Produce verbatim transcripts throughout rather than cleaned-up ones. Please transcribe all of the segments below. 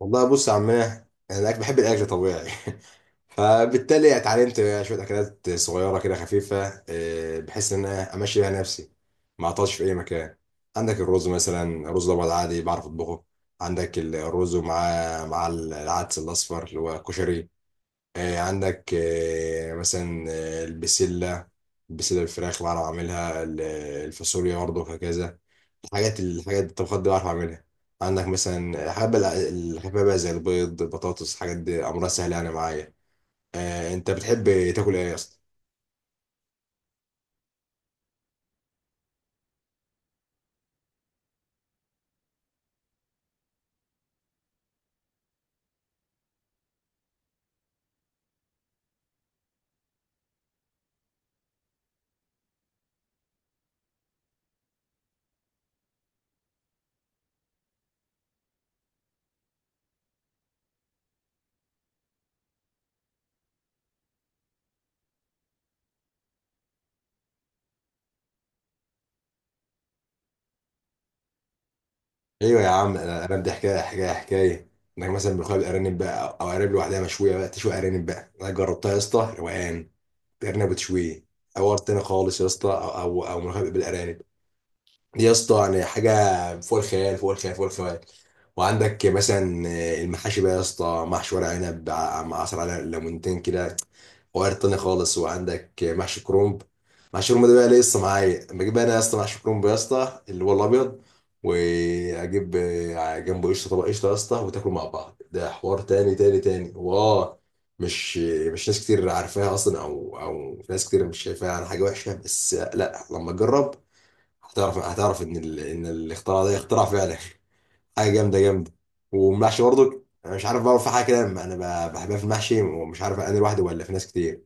والله بص يا عمنا، انا الأكل- بحب الاكل طبيعي. فبالتالي اتعلمت شويه اكلات صغيره كده خفيفه، آه، بحيث ان انا امشي بيها نفسي، ما اعطلش في اي مكان. عندك الرز مثلا، رز الابيض عادي بعرف اطبخه. عندك الرز ومعاه مع العدس الاصفر اللي هو كشري. آه، عندك آه، مثلا آه، البسله. البسله بالفراخ بعرف اعملها ال- الفاصوليا برضه، وهكذا. حاجات الحاجات الطبخات دي بعرف اعملها. عندك مثلا حابب الحبابة بقى، زي البيض، البطاطس، الحاجات دي امرها سهل يعني معايا. آه، انت بتحب تاكل ايه يا اسطى؟ ايوه يا عم، انا أنا بدي حكايه حكايه حكايه. انك مثلا بتخلي الارانب بقى، او أو ارانب لوحدها مشويه، بقى تشوي ارانب بقى، انا جربتها يا اسطى، روقان. ارنب وتشويه، حوار تاني خالص يا اسطى. او او, أو ملوخية بالارانب، دي يا اسطى يعني حاجه فوق الخيال، فوق الخيال، فوق الخيال. وعندك مثلا آه، المحاشي بقى يا اسطى، محشي ورق عنب مع عصير على ليمونتين كده، وغير تاني خالص. وعندك محشي كرومب. محشي كرومب ده بقى لسه معايا. بجيب انا يا اسطى محشي كرومب يا اسطى، اللي هو الابيض، واجيب آه، جنبه قشطه، طبق قشطه يا اسطى، وتاكلوا مع بعض. ده حوار تاني تاني تاني، واه. مش مش ناس كتير عارفاها اصلا، او او ناس كتير مش شايفاها على حاجه وحشه. بس لا، لما تجرب هتعرف هتعرف ان ال... ان الاختراع ده اختراع فعلا، حاجه جامده جامده. والمحشي برضه، انا مش عارف بقى، في حاجه كده انا ب- بحبها في المحشي، ومش عارف انا لوحدي ولا في ناس كتير.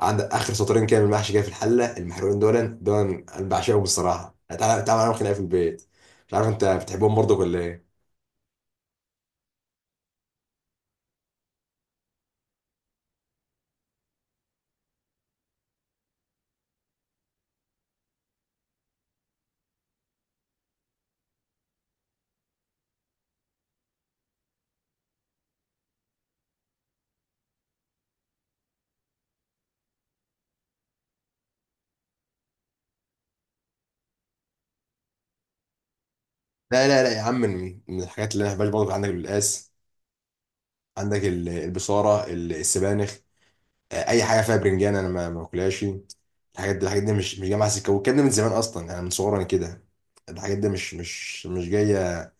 عندك اخر سطرين كده من المحشي، كده في الحله المحروقين، دول دول انا بعشقهم الصراحه. تعالى تعالى، معاهم خناقه في البيت. مش عارف انت بتحبهم برضه ولا ايه؟ لا لا لا يا عم، من من الحاجات اللي انا ما بحبهاش برضه، عندك القلقاس، عندك ال- البصاره، ال- السبانخ. اي حاجه فيها برنجان انا ما ما باكلهاش يعني. الحاجات دي الحاجات دي مش مش جايه معايا سكه، والكلام ده من زمان اصلا، انا من صغري انا كده. الحاجات دي مش مش مش جايه.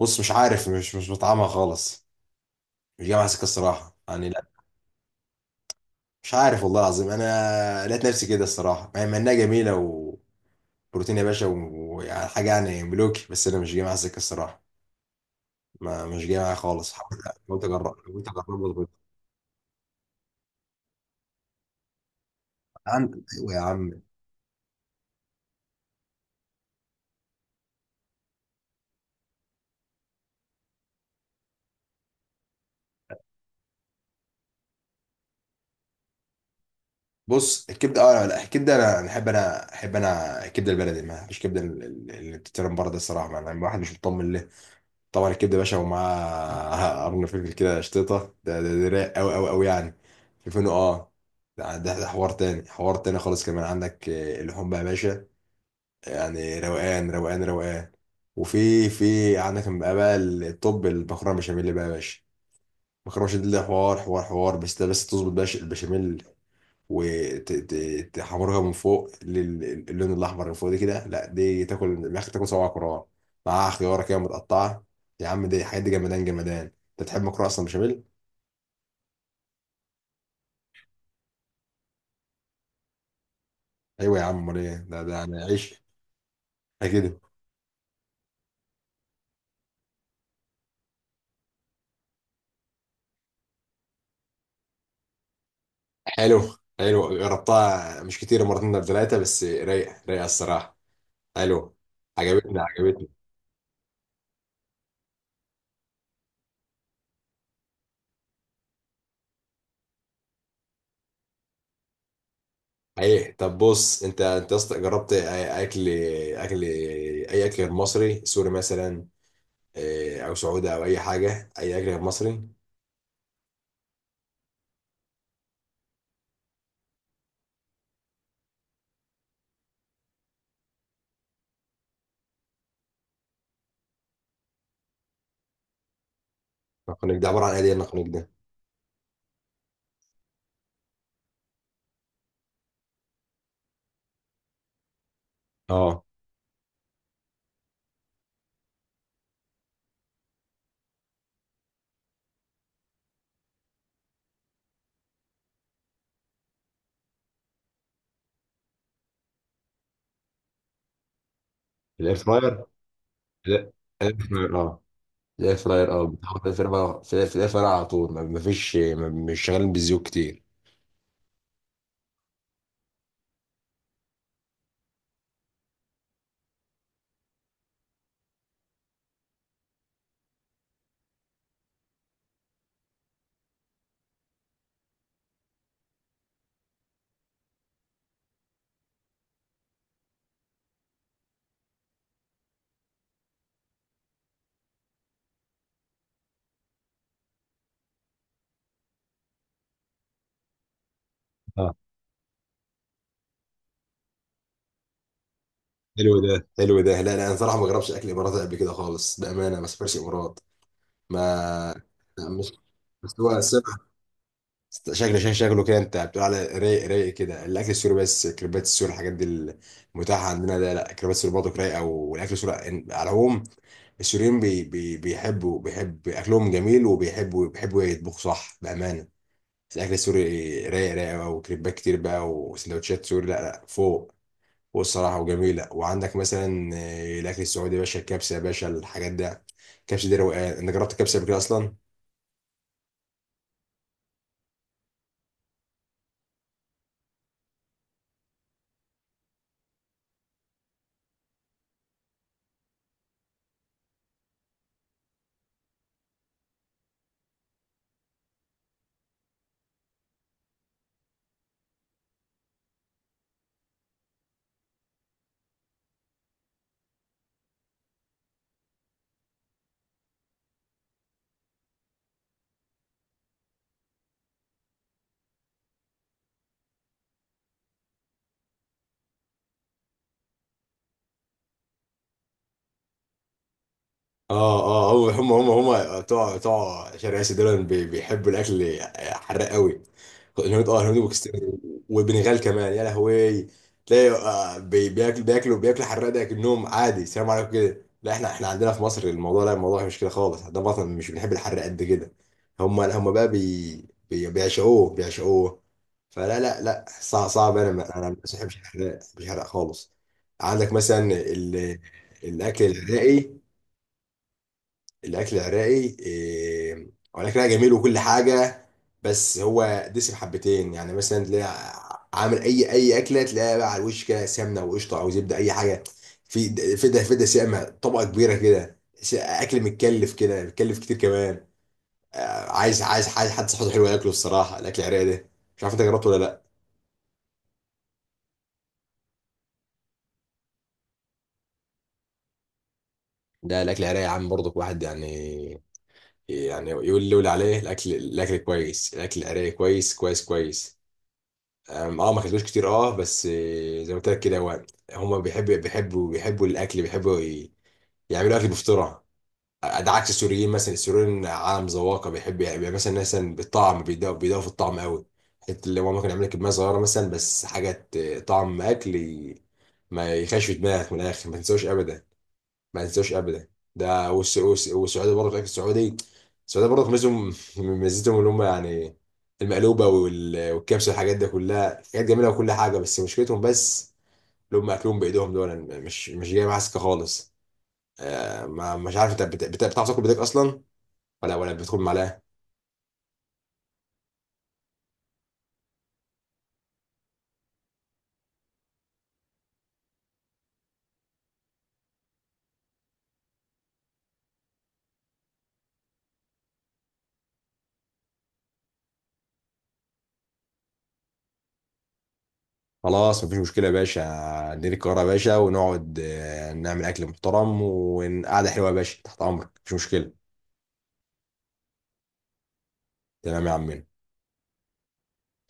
بص، مش عارف، مش مش بطعمها خالص. مش جايه معايا سكه الصراحه، يعني لا. مش عارف والله العظيم، انا لقيت نفسي كده الصراحه، مع مع انها جميله وبروتين يا باشا، و- ويعني حاجه يعني ملوكي، بس انا مش جايه معايا سكه الصراحه، ما مش جايه معايا خالص. حاولت، حاولت اجرب، حاولت اجربها. عن- ايوه يا عم. بص الكبده، اه لا لا، الكبده، انا أنا احب انا احب انا الكبده البلدي. ما فيش كبده ال- ال- اللي بتترم بره ده الصراحه، ما انا واحد مش مطمن له. طبعا الكبده يا باشا ومعاه قرن فلفل كده شطيطه، ده ده, ده رايق قوي قوي قوي يعني. في فينو، اه. ده, ده, ده حوار تاني حوار تاني خالص كمان. عندك آه، اللحوم بقى يا باشا، يعني روقان روقان روقان. وفي في عندك بقى بقى الطب المكرونه بشاميل بقى يا باشا. المكرونه بشاميل ده حوار حوار حوار، بس ده بس تظبط بقى البشاميل وتحمرها من فوق لل- اللون الاحمر اللي فوق دي كده. لا دي تاكل من الاخر، تاكل صوابع كرار، معاها خياره كده متقطعه. يا عم دي، الحاجات دي جمدان جمدان. انت تحب مكرونه اصلا بشاميل؟ ايوه يا عم، امال ايه؟ ده ده يعني عيش ده كده. حلو. حلو، جربتها مش كتير، مرتين ولا ثلاثه، بس رايقه رايقه الصراحه. حلو، عجبتني عجبتني. ايه طب، بص، انت انت أصلاً جربت أي- اكل اكل اي اكل غير مصري، سوري مثلا، آه، او سعودي، او اي حاجه، اي اكل غير مصري؟ النقانق ده عباره عن ايه، دي النقانق ده؟ اه، الاير فراير. لا، الاير فراير، اه. الاير فراير، اه، بتحط في الاير فراير في الإير- في الاير فراير على طول، ما ما فيش، ما- مش شغالين بالزيوت كتير. اه، حلو ده، حلو ده. لا لا، انا صراحه ما جربتش اكل اماراتي قبل كده خالص، بامانه. ما سافرش امارات، ما لا، مش، بس هو است- شكله شكله شكله كده. انت بتقول على رايق رايق كده الاكل السوري، بس كريبات السوري الحاجات دي المتاحه عندنا ده، لا، كريبات السوري برضه رايقه، والاكل السوري إن- على العموم، السوريين بي بي بيحبوا بيحب اكلهم جميل، وبيحبوا بيحبوا يطبخوا صح بامانه. الاكل السوري رايق رايق بقى، وكريبات كتير بقى، وسندوتشات سوري، لا لا، فوق فوق الصراحه وجميله. وعندك مثلا آه، الاكل السعودي يا باشا، الكبسه يا باشا، الحاجات ده، الكبسه دي روقان. انت جربت الكبسه قبل كده اصلا؟ اه اه، هو هم هم هم بتوع بتوع شرق اسيا دول بي- بيحبوا الاكل حراق قوي. الهنود، اه، الهنود وباكستان، وبنغال كمان يا لهوي. تلاقي آه بي- بياكل بياكلوا بياكلوا حراق ده كأنهم عادي، سلام عليكم كده. لا، احنا احنا عندنا في مصر الموضوع، لا الموضوع مش كده خالص. عندنا في مصر مش بنحب الحراق قد كده، هم هم بقى بي بي- بيعشقوه بيعشقوه. فلا لا لا، صعب صعب، انا ما- انا ما بحبش الحراق، مش حراق خالص. عندك مثلا ال- الاكل العراقي. الاكل العراقي إيه؟ هو الاكل العراقي جميل وكل حاجه، بس هو دسم حبتين. يعني مثلا تلاقي عامل اي اي اكله، تلاقيها بقى على الوش كده سمنه وقشطه او زبده اي حاجه. في د- في ده في ده سامه، طبقه كبيره كده، س- اكل متكلف كده، متكلف كتير كمان. آه، عايز عايز عايز حد صحته حلوه ياكله الصراحه، الاكل العراقي ده. مش عارف انت جربته ولا لا؟ ده الاكل العراقي يا عم برضك، واحد يعني يعني يقول لي يقول عليه الاكل الاكل كويس، الاكل العراقي كويس كويس كويس. أم- اه، ما كسبوش كتير. اه بس آه، زي ما قلت لك كده، هو هم بيحبوا بيحبوا بيحبوا الاكل، بيحبوا ي- يعملوا اكل بفطره. آه، ده عكس السوريين مثلا. السوريين عالم ذواقه، بيحب يعني مثلا مثلا بالطعم، بيدوا بيدوا في الطعم قوي. حته اللي هو ممكن يعمل لك كميه صغيره مثلا، بس حاجه ت- طعم اكل ي- ما يخش في دماغك من الاخر، ما تنساوش ابدا، ما انساوش ابدا. ده والس- والس- والسعوديه برضه، فاكر السعودي. السعوديه برضه ميزتهم ميزتهم اللي هم يعني المقلوبه وال- والكبسه والحاجات ده كلها، حاجات جميله وكل حاجه. بس مشكلتهم، بس اللي هم اكلهم بايدهم دول، أنا مش مش جاي معاها سكه خالص. آه ما مش عارف، انت بت- بت- بتعرف تاكل بايدك اصلا، ولا ولا بتدخل معلقه؟ خلاص مفيش مشكله يا باشا، ندير القاهره يا باشا ونقعد آه، نعمل اكل محترم وقعده حلوه يا باشا، تحت امرك، مفيش مشكله. تمام يا عمنا.